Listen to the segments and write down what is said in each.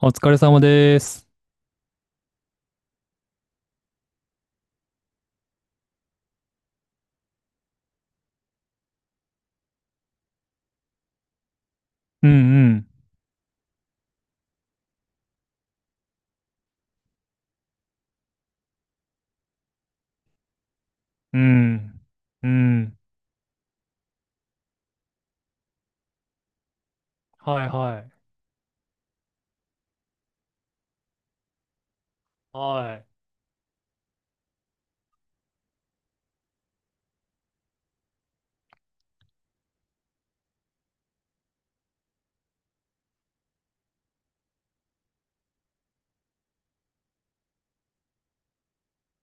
お疲れ様です。うんうん。うん。うん。はいはい。はい。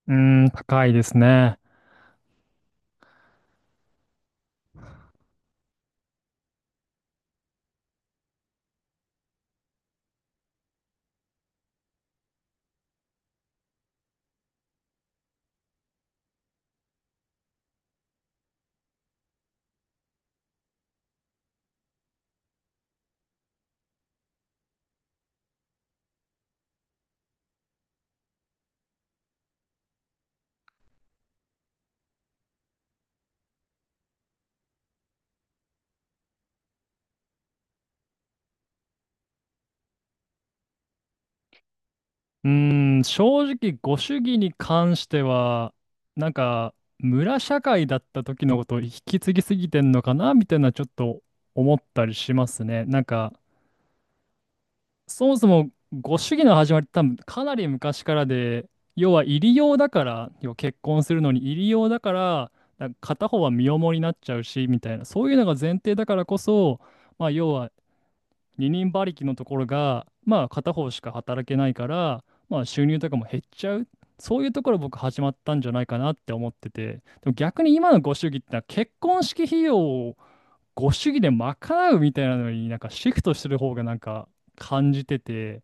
うん、高いですね。うん、正直、ご主義に関しては、村社会だった時のことを引き継ぎすぎてんのかなみたいな、ちょっと思ったりしますね。そもそもご主義の始まりって多分かなり昔からで、要は入り用だから、要は結婚するのに入り用だから、なんか片方は身重になっちゃうし、みたいな、そういうのが前提だからこそ、まあ要は二人馬力のところが、まあ片方しか働けないから、まあ収入とかも減っちゃう。そういうところ僕始まったんじゃないかなって思ってて、でも逆に今のご主義ってのは結婚式費用をご主義で賄うみたいなのになんかシフトしてる方がなんか感じてて、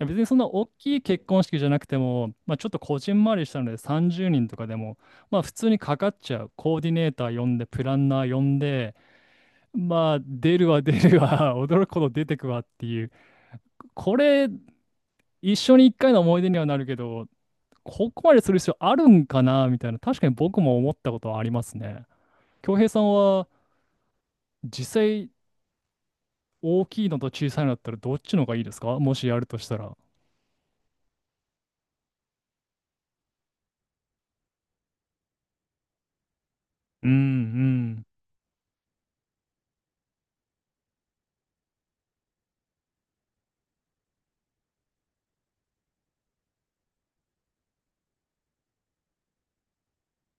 いや別にそんな大きい結婚式じゃなくても、まあ、ちょっとこじんまりしたので30人とかでも、まあ普通にかかっちゃう。コーディネーター呼んで、プランナー呼んで、まあ出るわ出るわ、驚くほど出てくわっていう。これ、一緒に一回の思い出にはなるけど、ここまでする必要あるんかなみたいな、確かに僕も思ったことはありますね。恭平さんは実際大きいのと小さいのだったらどっちの方がいいですか？もしやるとしたら。うんうん。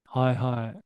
はいはい。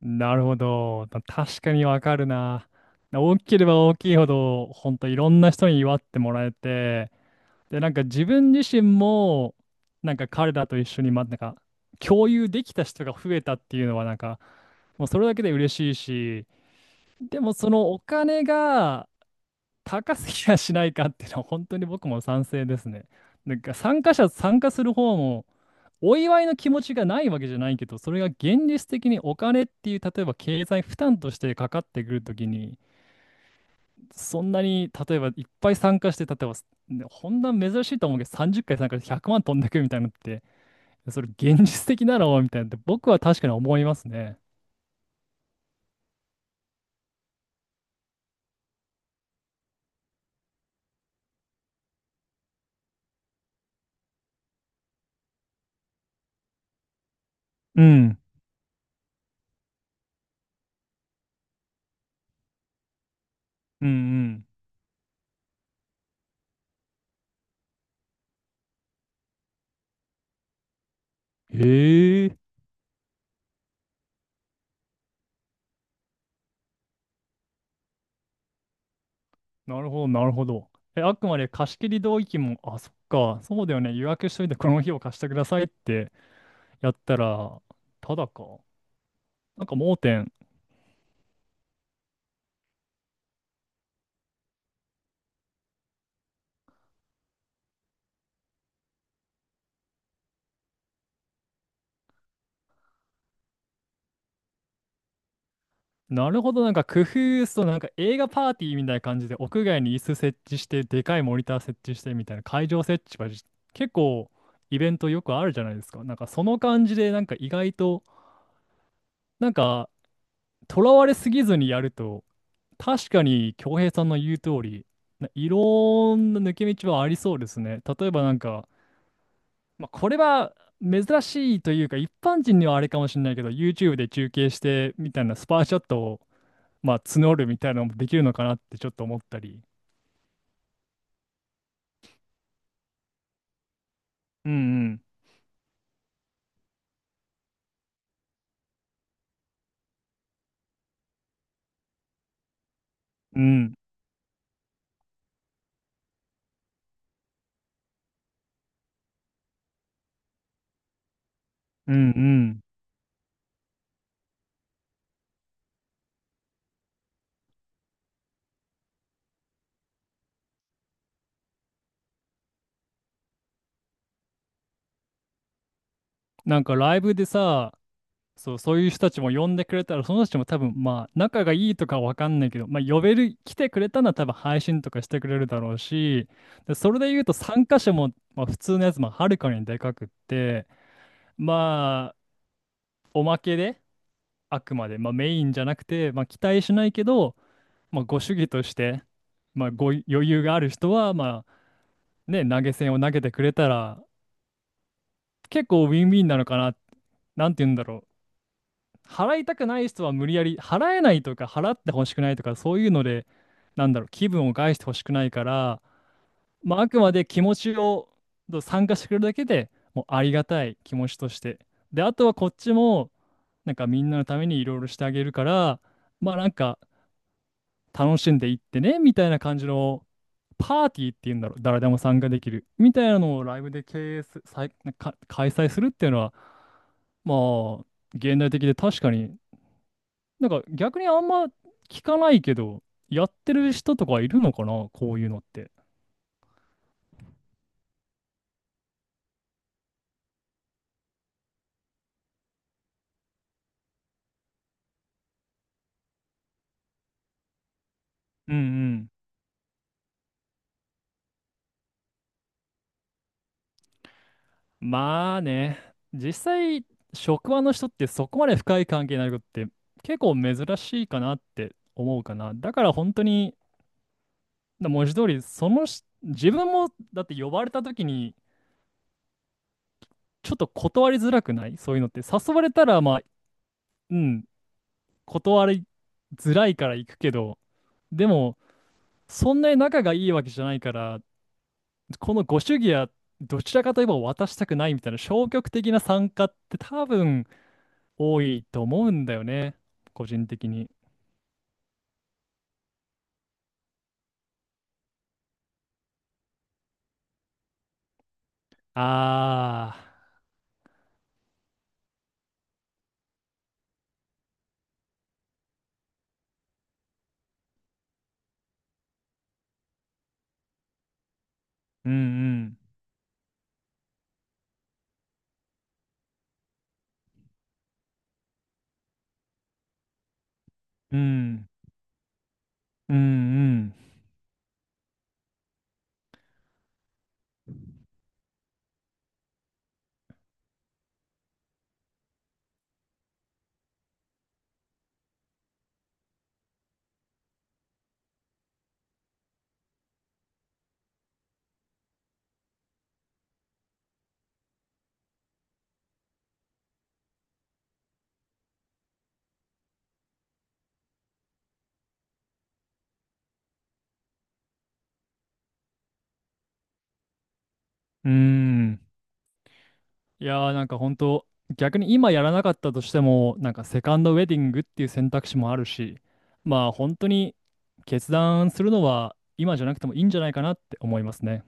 なるほど。確かにわかるな。大きければ大きいほど、ほんといろんな人に祝ってもらえて、で、なんか自分自身も、なんか彼らと一緒に、ま、なんか共有できた人が増えたっていうのは、なんか、もうそれだけで嬉しいし、でもそのお金が、高すぎやしないかっていうのは本当に僕も賛成ですね。参加する方もお祝いの気持ちがないわけじゃないけど、それが現実的にお金っていう、例えば経済負担としてかかってくるときに、そんなに例えばいっぱい参加して、例えば、ねほんな珍しいと思うけど、30回参加して100万飛んでくみたいなのって、それ現実的だろうみたいなって僕は確かに思いますね。うん、うん、うん。へえ、なるほど、なるほど。え、あくまで貸し切り同意見も、あ、そっか、そうだよね、予約しといてこの日を貸してくださいってやったら、ただか。なんか盲点。なるほど、なんか工夫そう、なんか映画パーティーみたいな感じで、屋外に椅子設置して、でかいモニター設置してみたいな、会場設置はじ結構イベントよくあるじゃないですか。なんかその感じで、なんか意外と、なんか、とらわれすぎずにやると、確かに、恭平さんの言う通り、いろんな抜け道はありそうですね。例えばなんか、まあ、これは珍しいというか、一般人にはあれかもしれないけど、YouTube で中継してみたいなスパーシャットを、まあ、募るみたいなのもできるのかなってちょっと思ったり。うんうん。うんうんうん。なんかライブでさ、そう、そういう人たちも呼んでくれたら、その人たちも多分、まあ、仲がいいとかわかんないけど、まあ、呼べる、来てくれたのは多分配信とかしてくれるだろうし、で、それで言うと参加者も、まあ、普通のやつもはるかにでかくって、まあ、おまけで、あくまで、まあ、メインじゃなくて、まあ、期待しないけど、まあ、ご主義として、まあ、ご余裕がある人は、まあ、ね、投げ銭を投げてくれたら、結構ウィンウィンなのかな、なんて言うんだろう。払いたくない人は無理やり払えないとか払ってほしくないとかそういうので、なんだろう、気分を害してほしくないから、まあ、あくまで気持ちを参加してくれるだけでもうありがたい気持ちとして、であとはこっちもなんかみんなのためにいろいろしてあげるから、まあなんか楽しんでいってねみたいな感じのパーティーっていうんだろう、誰でも参加できるみたいなのをライブで経営す、さい、か開催するっていうのは、まあ現代的で確かになんか逆にあんま聞かないけど、やってる人とかいるのかな、こういうのって。うんうん。まあね、実際、職場の人ってそこまで深い関係になることって結構珍しいかなって思うかな。だから本当に文字通り、そのし、自分も、だって呼ばれた時に、ちょっと断りづらくない？そういうのって。誘われたら、まあ、うん、断りづらいから行くけど、でも、そんなに仲がいいわけじゃないから、このご主義は、どちらかといえば渡したくないみたいな消極的な参加って多分多いと思うんだよね。個人的に。ああ、うんうん、うん、うんうん、うん。いやーなんか本当、逆に今やらなかったとしてもなんかセカンドウェディングっていう選択肢もあるし、まあ本当に決断するのは今じゃなくてもいいんじゃないかなって思いますね。